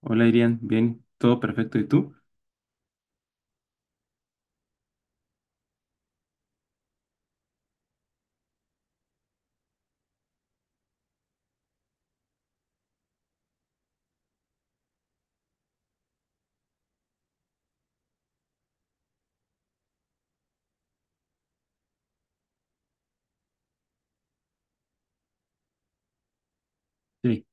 Hola, Irian. Bien, todo perfecto. ¿Y tú? Sí.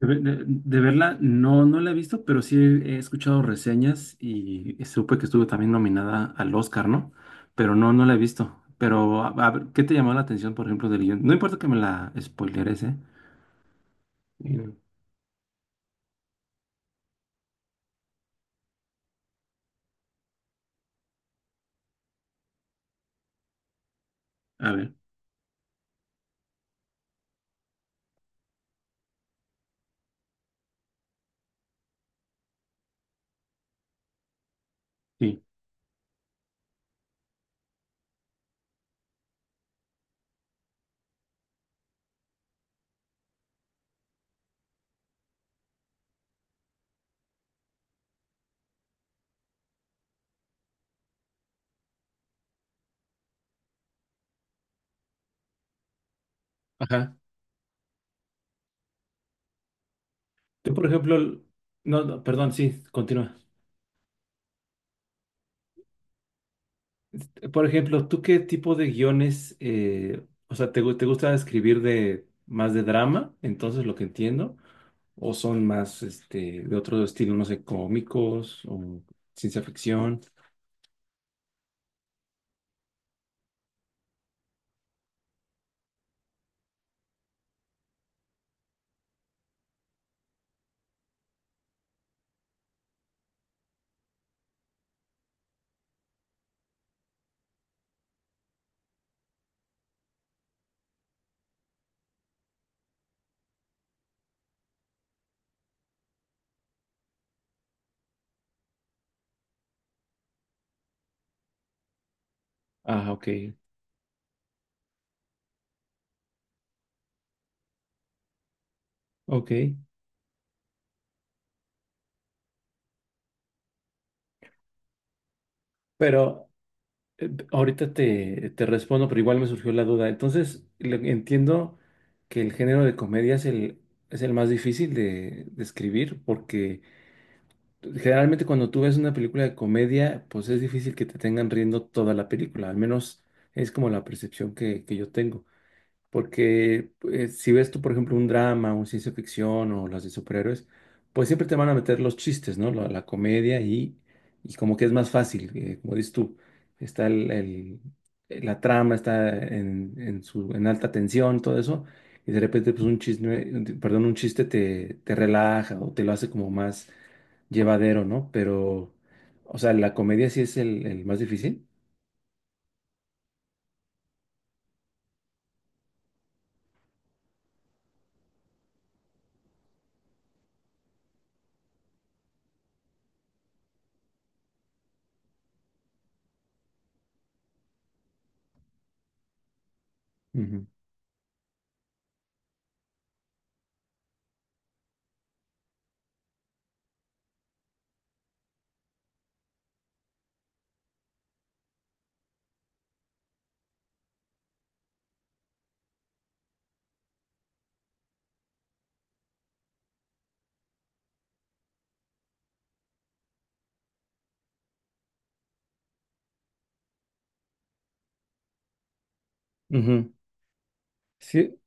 De, ver- de verla, no, no la he visto, pero sí he escuchado reseñas y supe que estuvo también nominada al Oscar, ¿no? Pero no, no la he visto. Pero, a ver, ¿qué te llamó la atención, por ejemplo, del guión? No importa que me la spoileres, ¿eh? Mm. A ver, sí. Ajá. Tú, por ejemplo, no, no, perdón, sí, continúa. Este, por ejemplo, ¿tú qué tipo de guiones, o sea, te gusta escribir de más de drama? Entonces, lo que entiendo. ¿O son más este, de otro estilo, no sé, cómicos o ciencia ficción? Ah, ok, ok. Pero ahorita te respondo, pero igual me surgió la duda. Entonces, entiendo que el género de comedia es el más difícil de escribir, porque generalmente cuando tú ves una película de comedia, pues es difícil que te tengan riendo toda la película, al menos es como la percepción que yo tengo. Porque si ves tú, por ejemplo, un drama, un ciencia ficción o las de superhéroes, pues siempre te van a meter los chistes, ¿no? La comedia y como que es más fácil, como dices tú, está la trama, está en alta tensión, todo eso, y de repente pues un chisme, perdón, un chiste te relaja o te lo hace como más llevadero, ¿no? Pero, o sea, la comedia sí es el más difícil. Ujú. Ujú. Sí.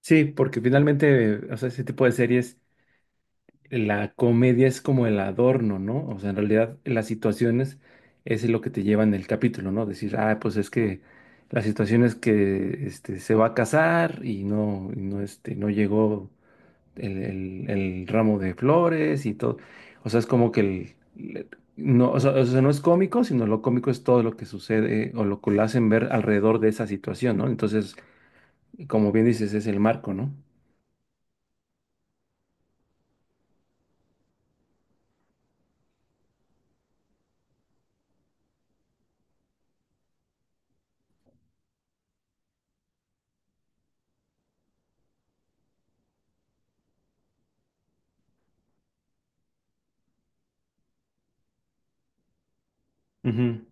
Sí, porque finalmente, o sea, ese tipo de series, la comedia es como el adorno, ¿no? O sea, en realidad las situaciones es lo que te lleva en el capítulo, ¿no? Decir, ah, pues es que la situación es que este, se va a casar y no, este, no llegó el ramo de flores y todo. O sea, es como que no, o sea, no es cómico, sino lo cómico es todo lo que sucede o lo que lo hacen ver alrededor de esa situación, ¿no? Entonces, como bien dices, es el marco, ¿no? Ujú.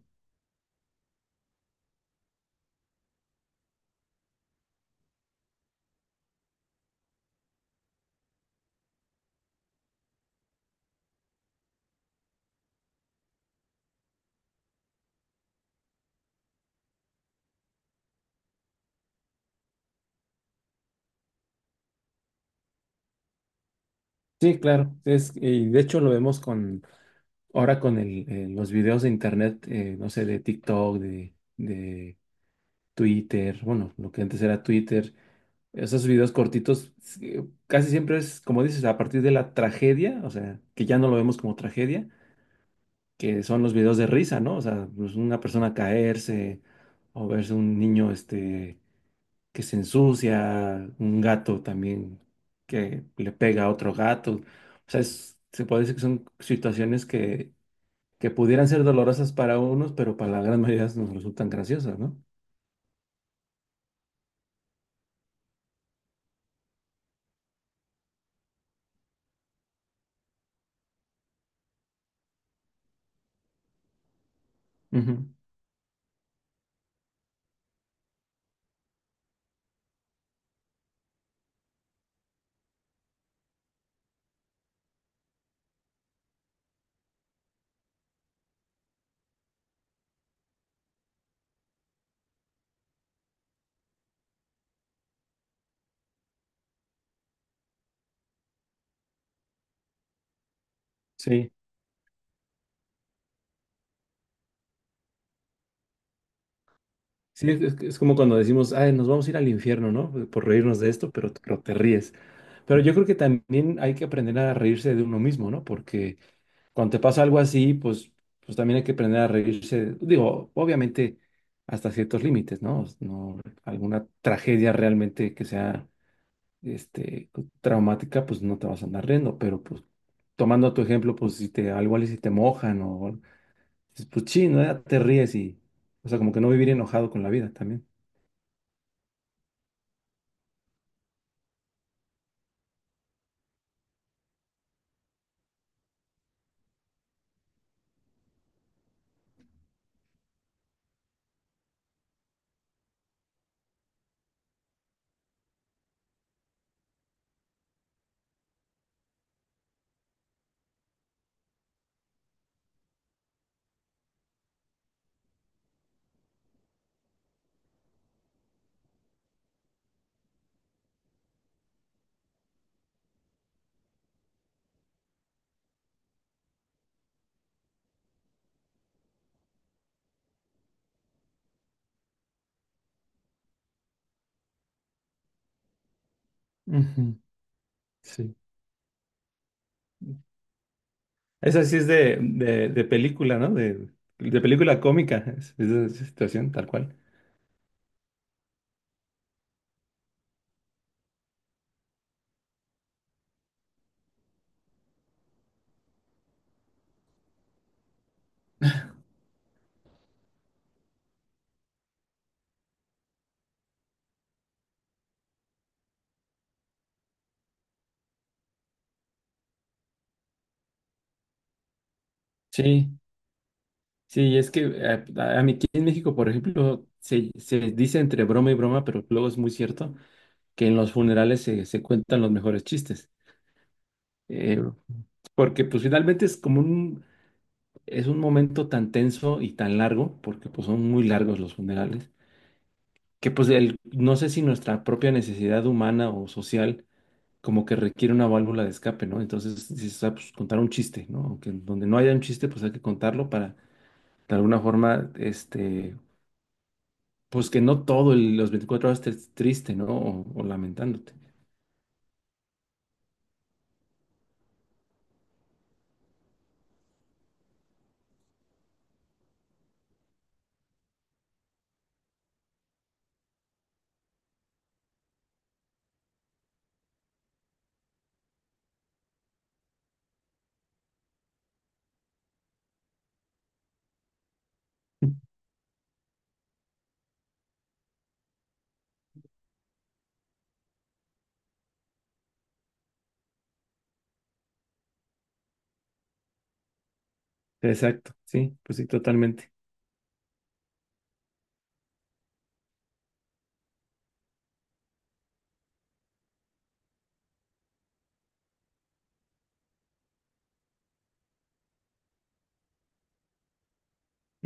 Sí, claro. Y de hecho lo vemos con los videos de internet, no sé, de TikTok, de Twitter, bueno, lo que antes era Twitter, esos videos cortitos, sí, casi siempre es, como dices, a partir de la tragedia, o sea, que ya no lo vemos como tragedia, que son los videos de risa, ¿no? O sea, pues, una persona caerse o verse un niño este, que se ensucia, un gato también que le pega a otro gato. O sea, se puede decir que son situaciones que pudieran ser dolorosas para unos, pero para la gran mayoría nos resultan graciosas, ¿no? Ujú. Sí, sí, es como cuando decimos, ay, nos vamos a ir al infierno, ¿no? Por reírnos de esto, pero, te ríes. Pero yo creo que también hay que aprender a reírse de uno mismo, ¿no? Porque cuando te pasa algo así, pues también hay que aprender a reírse. Digo, obviamente hasta ciertos límites, ¿no? No, alguna tragedia realmente que sea este, traumática, pues no te vas a andar riendo, pero pues tomando tu ejemplo, pues algo y si te mojan o dices, pues sí, ¿no? Ya te ríes y, o sea, como que no vivir enojado con la vida también. Ujú. Sí. Esa sí es de película, ¿no? De película cómica, es de esa situación, tal cual. Sí. Sí, es que a mí aquí en México, por ejemplo, se dice entre broma y broma, pero luego es muy cierto que en los funerales se cuentan los mejores chistes. Eh, Porque pues finalmente es como un momento tan tenso y tan largo, porque pues son muy largos los funerales, que pues no sé si nuestra propia necesidad humana o social como que requiere una válvula de escape, ¿no? Entonces, dices, "Ah, pues contar un chiste, ¿no? Aunque donde no haya un chiste, pues hay que contarlo para de alguna forma, este pues que no todo los 24 horas estés triste, ¿no? O lamentándote. Exacto, sí, pues sí, totalmente.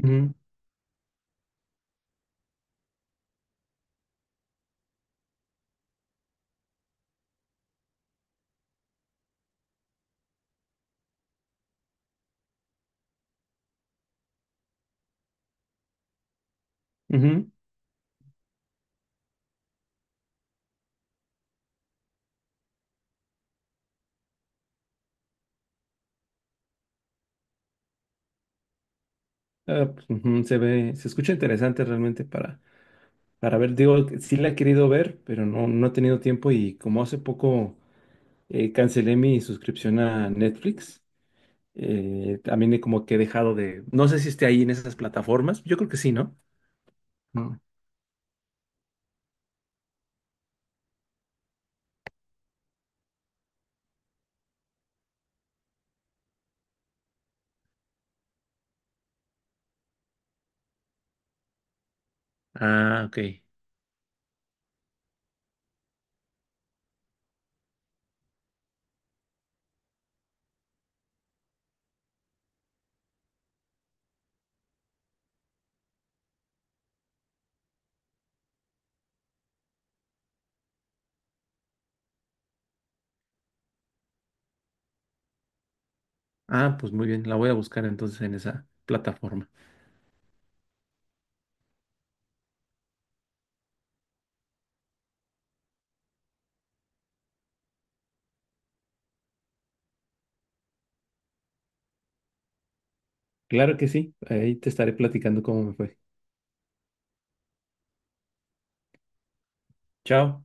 Ujú, ujú. Ah, pues, ujú, se escucha interesante realmente para ver. Digo, que sí la he querido ver, pero no, no he tenido tiempo y como hace poco cancelé mi suscripción a Netflix, también he como que he dejado de, no sé si esté ahí en esas plataformas, yo creo que sí, ¿no? No. Ah, ok. Ah, pues muy bien, la voy a buscar entonces en esa plataforma. Claro que sí, ahí te estaré platicando cómo me fue. Chao.